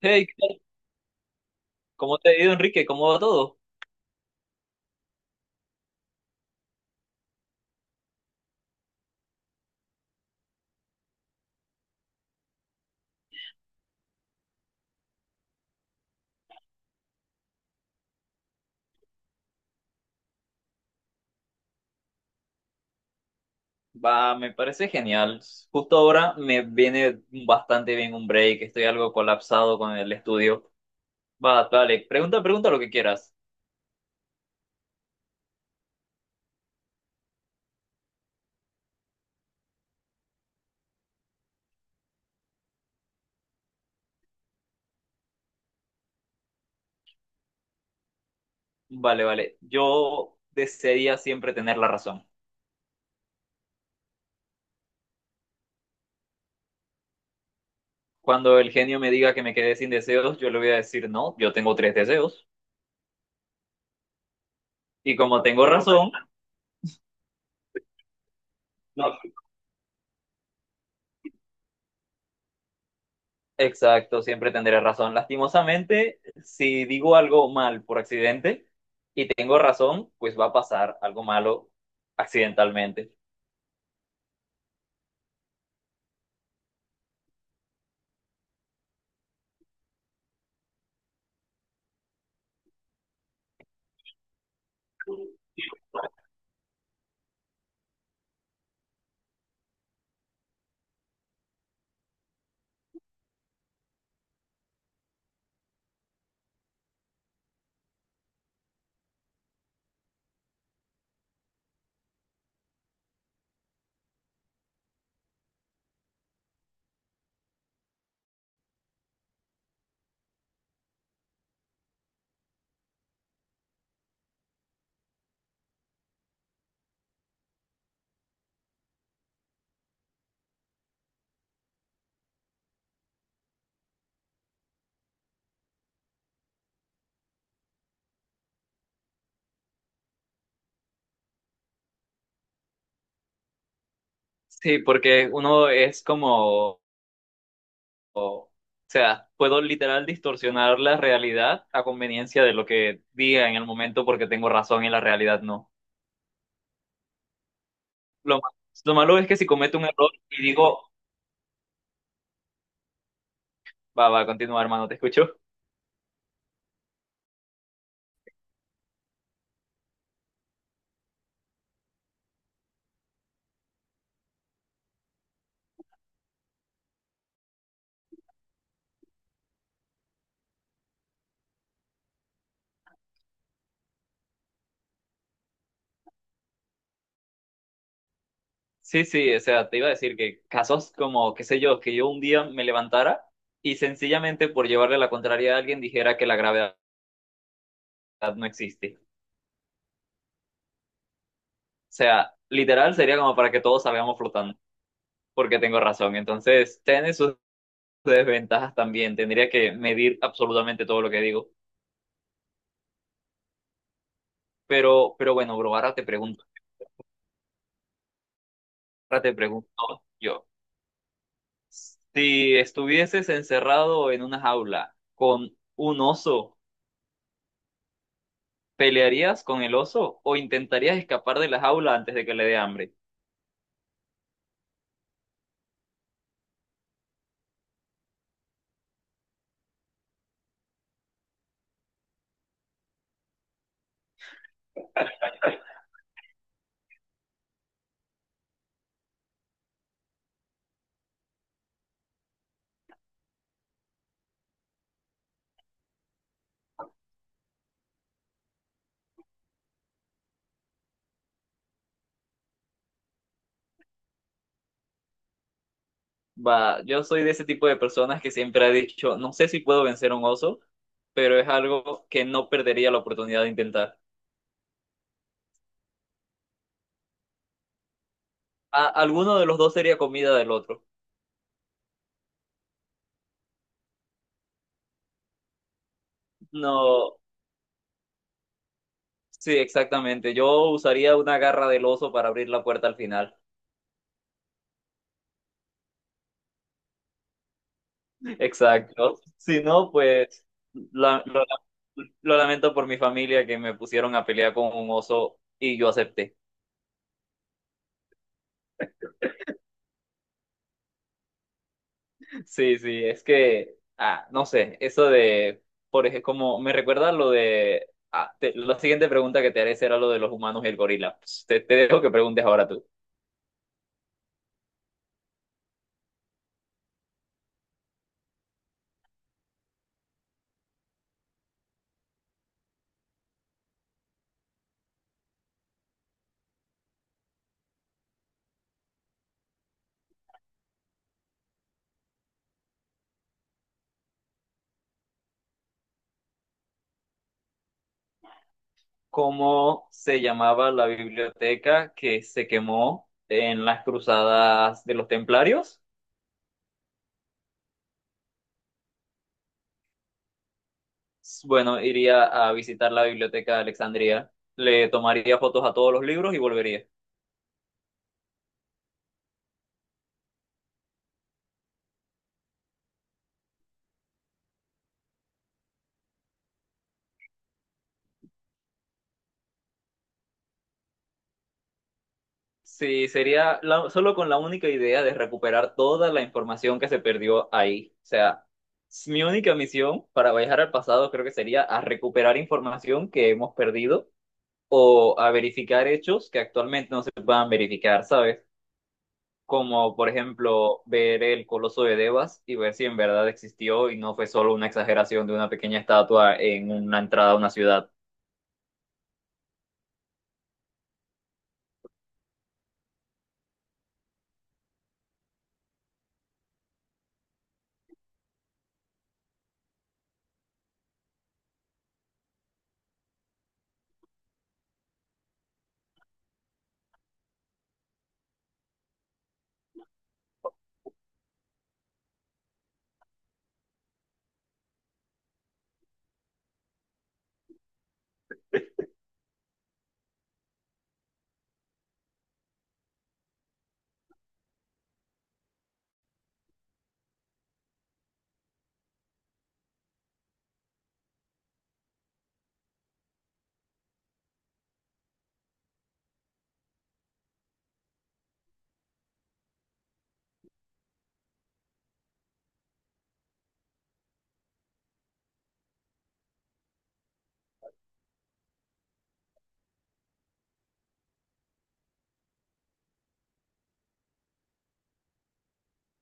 Hey, ¿qué tal? ¿Cómo te ha ido, Enrique? ¿Cómo va todo? Va, me parece genial. Justo ahora me viene bastante bien un break. Estoy algo colapsado con el estudio. Va, vale. Pregunta, pregunta lo que quieras. Vale, vale. Yo desearía siempre tener la razón. Cuando el genio me diga que me quedé sin deseos, yo le voy a decir no, yo tengo tres deseos. Y como tengo razón, no. Exacto, siempre tendré razón. Lastimosamente, si digo algo mal por accidente y tengo razón, pues va a pasar algo malo accidentalmente. Sí, porque uno es como, o sea, puedo literal distorsionar la realidad a conveniencia de lo que diga en el momento porque tengo razón y la realidad no. Lo, ma- lo malo es que si cometo un error y digo, va, va, continúa, hermano, te escucho. Sí, sí, o sea, te iba a decir que casos como, qué sé yo, que yo un día me levantara y sencillamente por llevarle la contraria a alguien dijera que la gravedad no existe. O sea, literal sería como para que todos salgamos flotando, porque tengo razón. Entonces, tiene sus desventajas también, tendría que medir absolutamente todo lo que digo. Pero bueno, bro, ahora te pregunto, yo, si estuvieses encerrado en una jaula con un oso. ¿Pelearías con el oso o intentarías escapar de la jaula antes de que le dé hambre? Va, yo soy de ese tipo de personas que siempre ha dicho, no sé si puedo vencer a un oso, pero es algo que no perdería la oportunidad de intentar. Alguno de los dos sería comida del otro. No, sí, exactamente. Yo usaría una garra del oso para abrir la puerta al final. Exacto. Si no, pues la- lo lo lamento por mi familia que me pusieron a pelear con un oso y yo acepté. Sí, sí, es que, no sé, eso de, por ejemplo, como me recuerda lo de, la siguiente pregunta que te haré será lo de los humanos y el gorila. Pues, te dejo que preguntes ahora tú. ¿Cómo se llamaba la biblioteca que se quemó en las cruzadas de los templarios? Bueno, iría a visitar la biblioteca de Alejandría, le tomaría fotos a todos los libros y volvería. Sí, sería solo con la única idea de recuperar toda la información que se perdió ahí. O sea, mi única misión para viajar al pasado creo que sería a recuperar información que hemos perdido o a verificar hechos que actualmente no se puedan verificar, ¿sabes? Como por ejemplo ver el Coloso de Devas y ver si en verdad existió y no fue solo una exageración de una pequeña estatua en una entrada a una ciudad.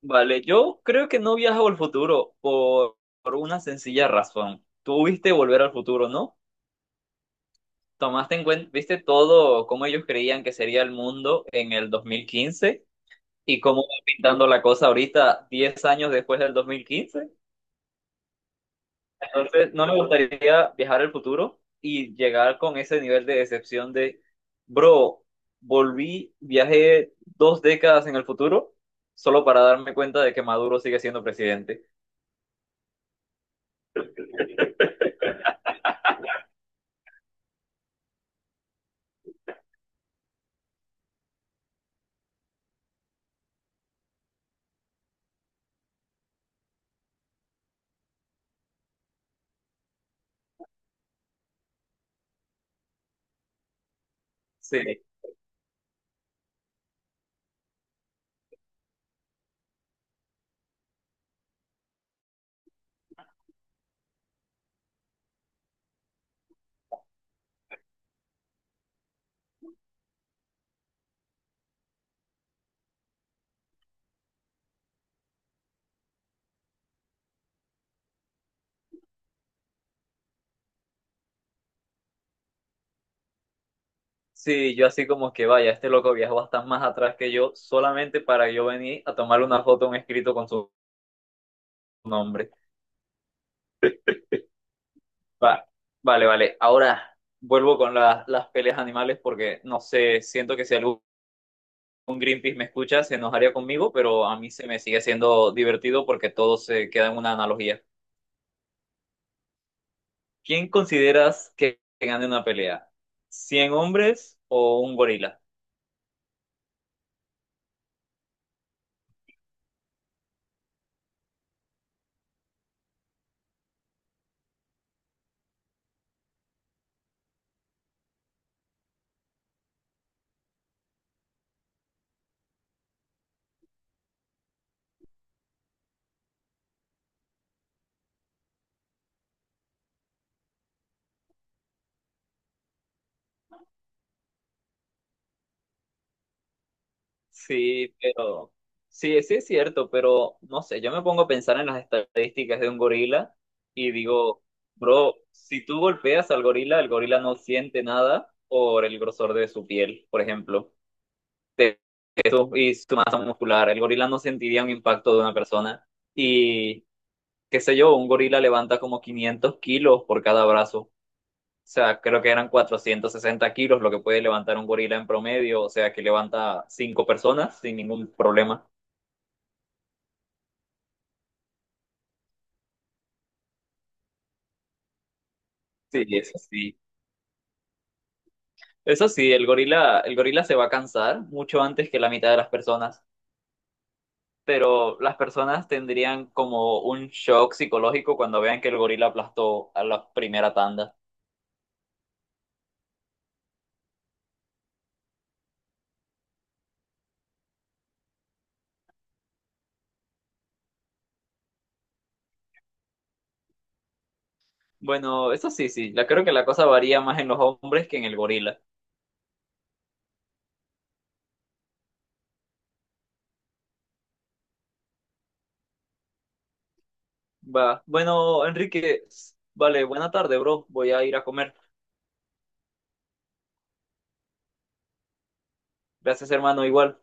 Vale, yo creo que no viajo al futuro por una sencilla razón. Tú viste Volver al Futuro, ¿no? Tomaste en cuenta, viste todo cómo ellos creían que sería el mundo en el 2015 y cómo va pintando la cosa ahorita, 10 años después del 2015. Entonces, no me gustaría viajar al futuro y llegar con ese nivel de decepción de, bro, volví, viajé 2 décadas en el futuro solo para darme cuenta de que Maduro sigue siendo presidente. Sí. Sí, yo así como que vaya, este loco viajó hasta más atrás que yo, solamente para yo venir a tomarle una foto a un escrito con su nombre. Va, vale, vale. Ahora vuelvo con las peleas animales porque no sé, siento que si algún Greenpeace me escucha se enojaría conmigo, pero a mí se me sigue siendo divertido porque todo se queda en una analogía. ¿Quién consideras que gane una pelea? ¿100 hombres o un gorila? Sí, pero sí, sí es cierto, pero no sé, yo me pongo a pensar en las estadísticas de un gorila y digo, bro, si tú golpeas al gorila, el gorila no siente nada por el grosor de su piel, por ejemplo, de eso y su masa muscular. El gorila no sentiría un impacto de una persona y qué sé yo, un gorila levanta como 500 kilos por cada brazo. O sea, creo que eran 460 kilos lo que puede levantar un gorila en promedio, o sea, que levanta cinco personas sin ningún problema. Sí, eso sí. Eso sí, el gorila se va a cansar mucho antes que la mitad de las personas, pero las personas tendrían como un shock psicológico cuando vean que el gorila aplastó a la primera tanda. Bueno, eso sí, sí, la creo que la cosa varía más en los hombres que en el gorila. Va. Bueno, Enrique, vale, buena tarde, bro. Voy a ir a comer. Gracias, hermano, igual.